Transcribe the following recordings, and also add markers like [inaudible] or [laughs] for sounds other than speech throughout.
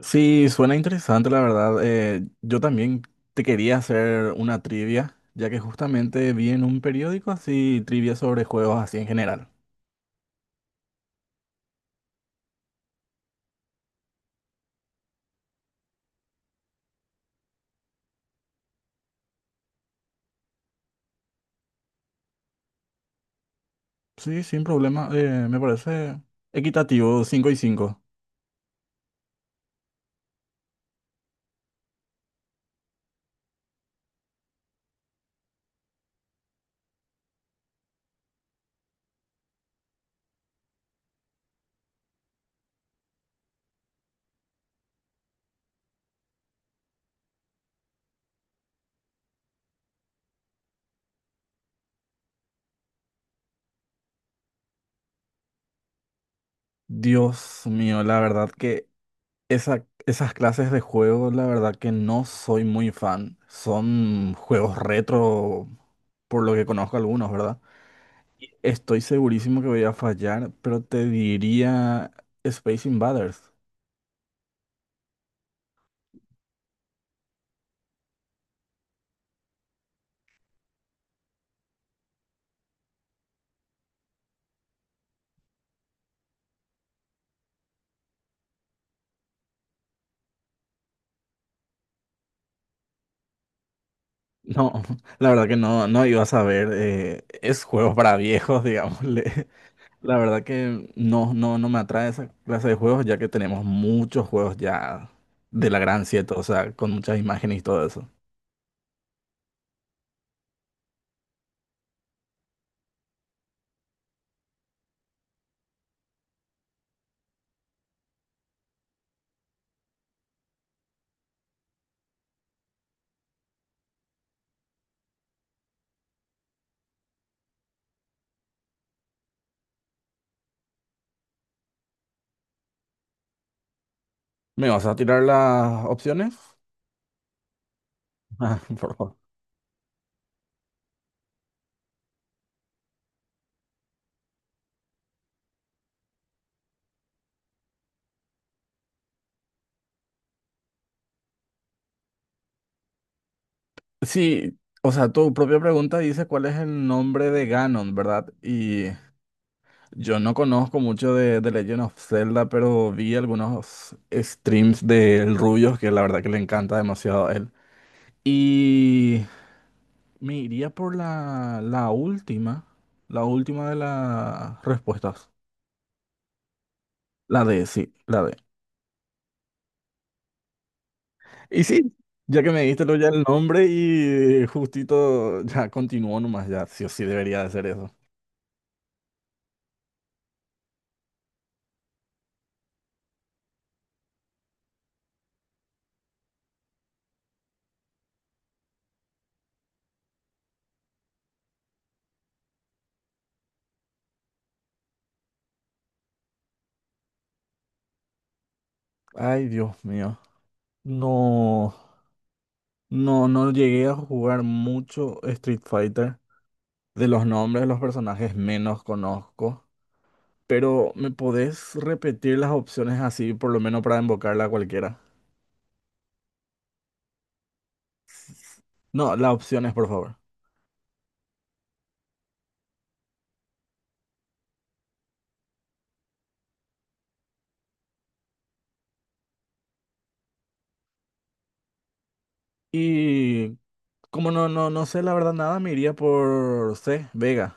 Sí, suena interesante, la verdad. Yo también te quería hacer una trivia, ya que justamente vi en un periódico así trivia sobre juegos así en general. Sí, sin problema. Me parece equitativo, cinco y 5. Dios mío, la verdad que esas clases de juegos, la verdad que no soy muy fan. Son juegos retro, por lo que conozco algunos, ¿verdad? Y estoy segurísimo que voy a fallar, pero te diría Space Invaders. No, [laughs] la verdad que no, no iba a saber. Es juegos para viejos, digámosle. [laughs] La verdad que no me atrae esa clase de juegos, ya que tenemos muchos juegos ya de la gran siete, o sea, con muchas imágenes y todo eso. ¿Me vas a tirar las opciones? Ah, [laughs] por favor. Sí, o sea, tu propia pregunta dice cuál es el nombre de Ganon, ¿verdad? Y yo no conozco mucho de Legend of Zelda, pero vi algunos streams del Rubios que la verdad que le encanta demasiado a él. Y me iría por la última de las respuestas. La D, sí, la D. Y sí, ya que me diste lo ya el nombre y justito ya continuó nomás, ya sí o sí debería de ser eso. Ay, Dios mío. No, no llegué a jugar mucho Street Fighter. De los nombres de los personajes menos conozco. Pero ¿me podés repetir las opciones así, por lo menos para invocarla a cualquiera? No, las opciones, por favor. Y como no sé la verdad nada, me iría por C, Vega.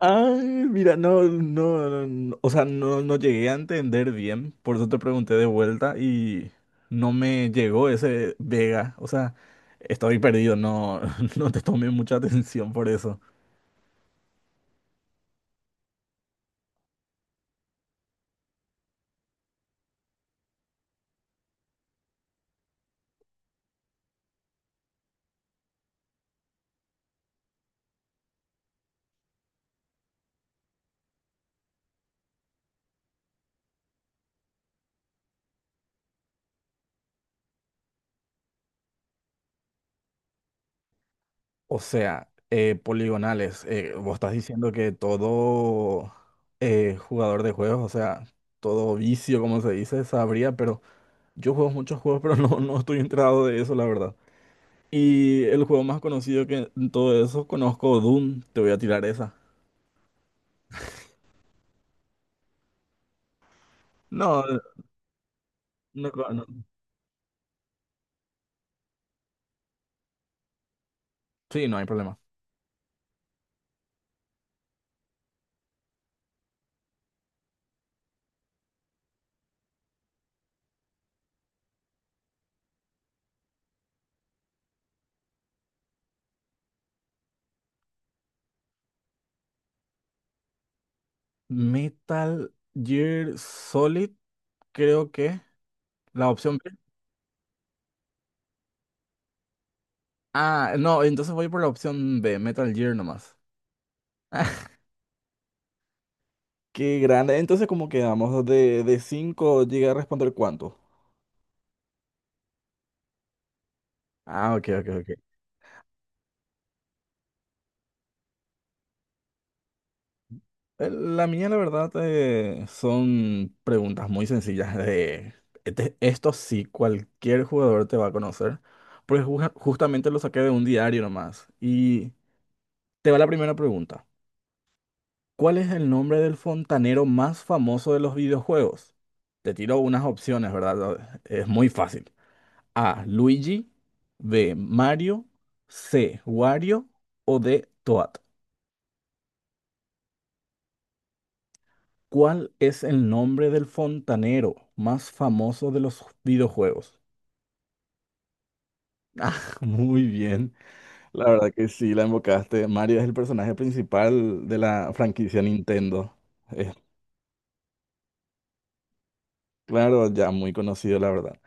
Ay, mira, no, no, no, no. O sea, no llegué a entender bien, por eso te pregunté de vuelta y no me llegó ese Vega. O sea, estoy perdido, no, [laughs] no te tomé mucha atención por eso. O sea, poligonales, vos estás diciendo que todo jugador de juegos, o sea, todo vicio, como se dice, sabría, pero... Yo juego muchos juegos, pero no estoy enterado de eso, la verdad. Y el juego más conocido que en todo eso conozco, Doom, te voy a tirar esa. No, no, no, no, sí, no hay problema. Metal Gear Solid, creo que la opción B. Ah, no, entonces voy por la opción B, Metal Gear nomás. [laughs] Qué grande. Entonces, ¿cómo quedamos? De 5 llega a responder cuánto. Ah, ok, ok, ok. La mía, la verdad, son preguntas muy sencillas de... esto sí, cualquier jugador te va a conocer, porque justamente lo saqué de un diario nomás. Y te va la primera pregunta. ¿Cuál es el nombre del fontanero más famoso de los videojuegos? Te tiro unas opciones, ¿verdad? Es muy fácil. A, Luigi, B, Mario, C, Wario o D, Toad. ¿Cuál es el nombre del fontanero más famoso de los videojuegos? Ah, [laughs] muy bien. La verdad que sí, la invocaste. Mario es el personaje principal de la franquicia Nintendo. Es claro, ya muy conocido, la verdad.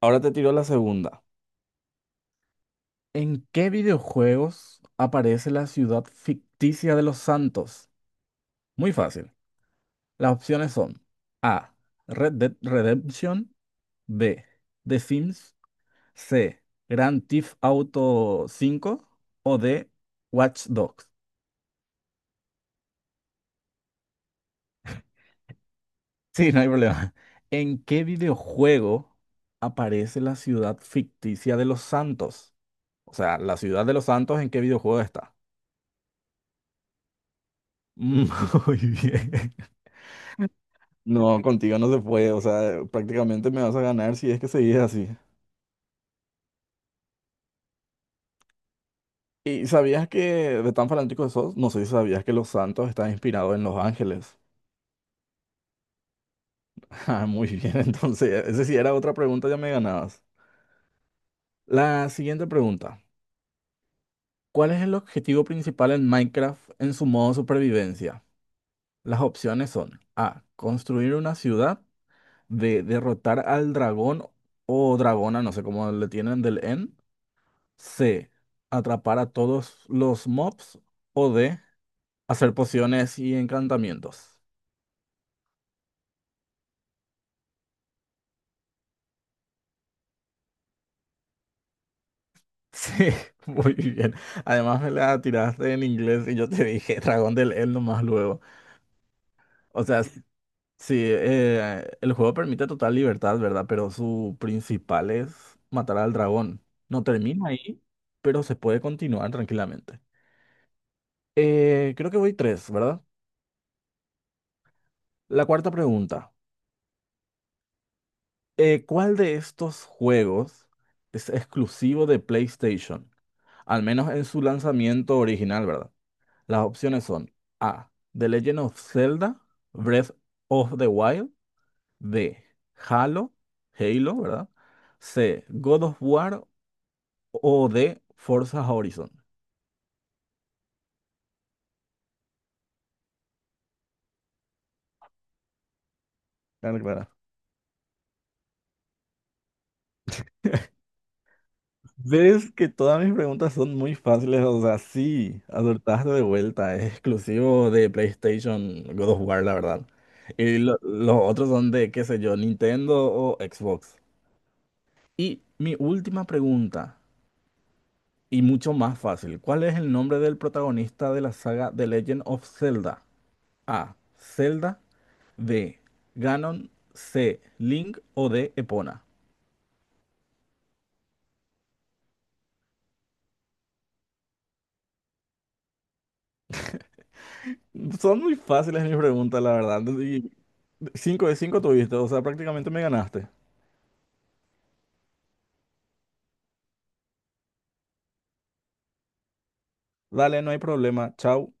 Ahora te tiro la segunda. ¿En qué videojuegos aparece la ciudad ficticia de Los Santos? Muy fácil. Las opciones son A. Red Dead Redemption. B. The Sims. C. Grand Theft Auto V. O D. Watch Dogs. [laughs] Sí, no hay problema. ¿En qué videojuego aparece la ciudad ficticia de Los Santos? O sea, la ciudad de Los Santos, ¿en qué videojuego está? [laughs] Muy bien. No, contigo no se puede. O sea, prácticamente me vas a ganar si es que seguís así. ¿Y sabías que de tan fanático que sos? No sé si sabías que Los Santos está inspirado en Los Ángeles. [laughs] Ah, muy bien. [laughs] Entonces, esa sí era otra pregunta, ya me ganabas. La siguiente pregunta. ¿Cuál es el objetivo principal en Minecraft en su modo supervivencia? Las opciones son A. Construir una ciudad. B. Derrotar al dragón o dragona, no sé cómo le tienen del N. C. Atrapar a todos los mobs. O D. Hacer pociones y encantamientos. [laughs] Sí, muy bien. Además me la tiraste en inglés y yo te dije dragón del N nomás luego. O sea, sí, el juego permite total libertad, ¿verdad? Pero su principal es matar al dragón. No termina ahí, pero se puede continuar tranquilamente. Creo que voy tres, ¿verdad? La cuarta pregunta. ¿Cuál de estos juegos es exclusivo de PlayStation? Al menos en su lanzamiento original, ¿verdad? Las opciones son A. The Legend of Zelda, Breath of the Wild, B. Halo, Halo, ¿verdad? C. God of War o de Forza Horizon. Claro, claro. Ves que todas mis preguntas son muy fáciles, o sea, sí, acertaste de vuelta, es exclusivo de PlayStation God of War, la verdad. Y los otros son de, qué sé yo, Nintendo o Xbox. Y mi última pregunta, y mucho más fácil, ¿cuál es el nombre del protagonista de la saga The Legend of Zelda? A. Zelda, B. Ganon, C. Link o D. Epona. Son muy fáciles mis preguntas, la verdad. Y 5 de 5 tuviste, o sea, prácticamente me ganaste. Dale, no hay problema. Chau.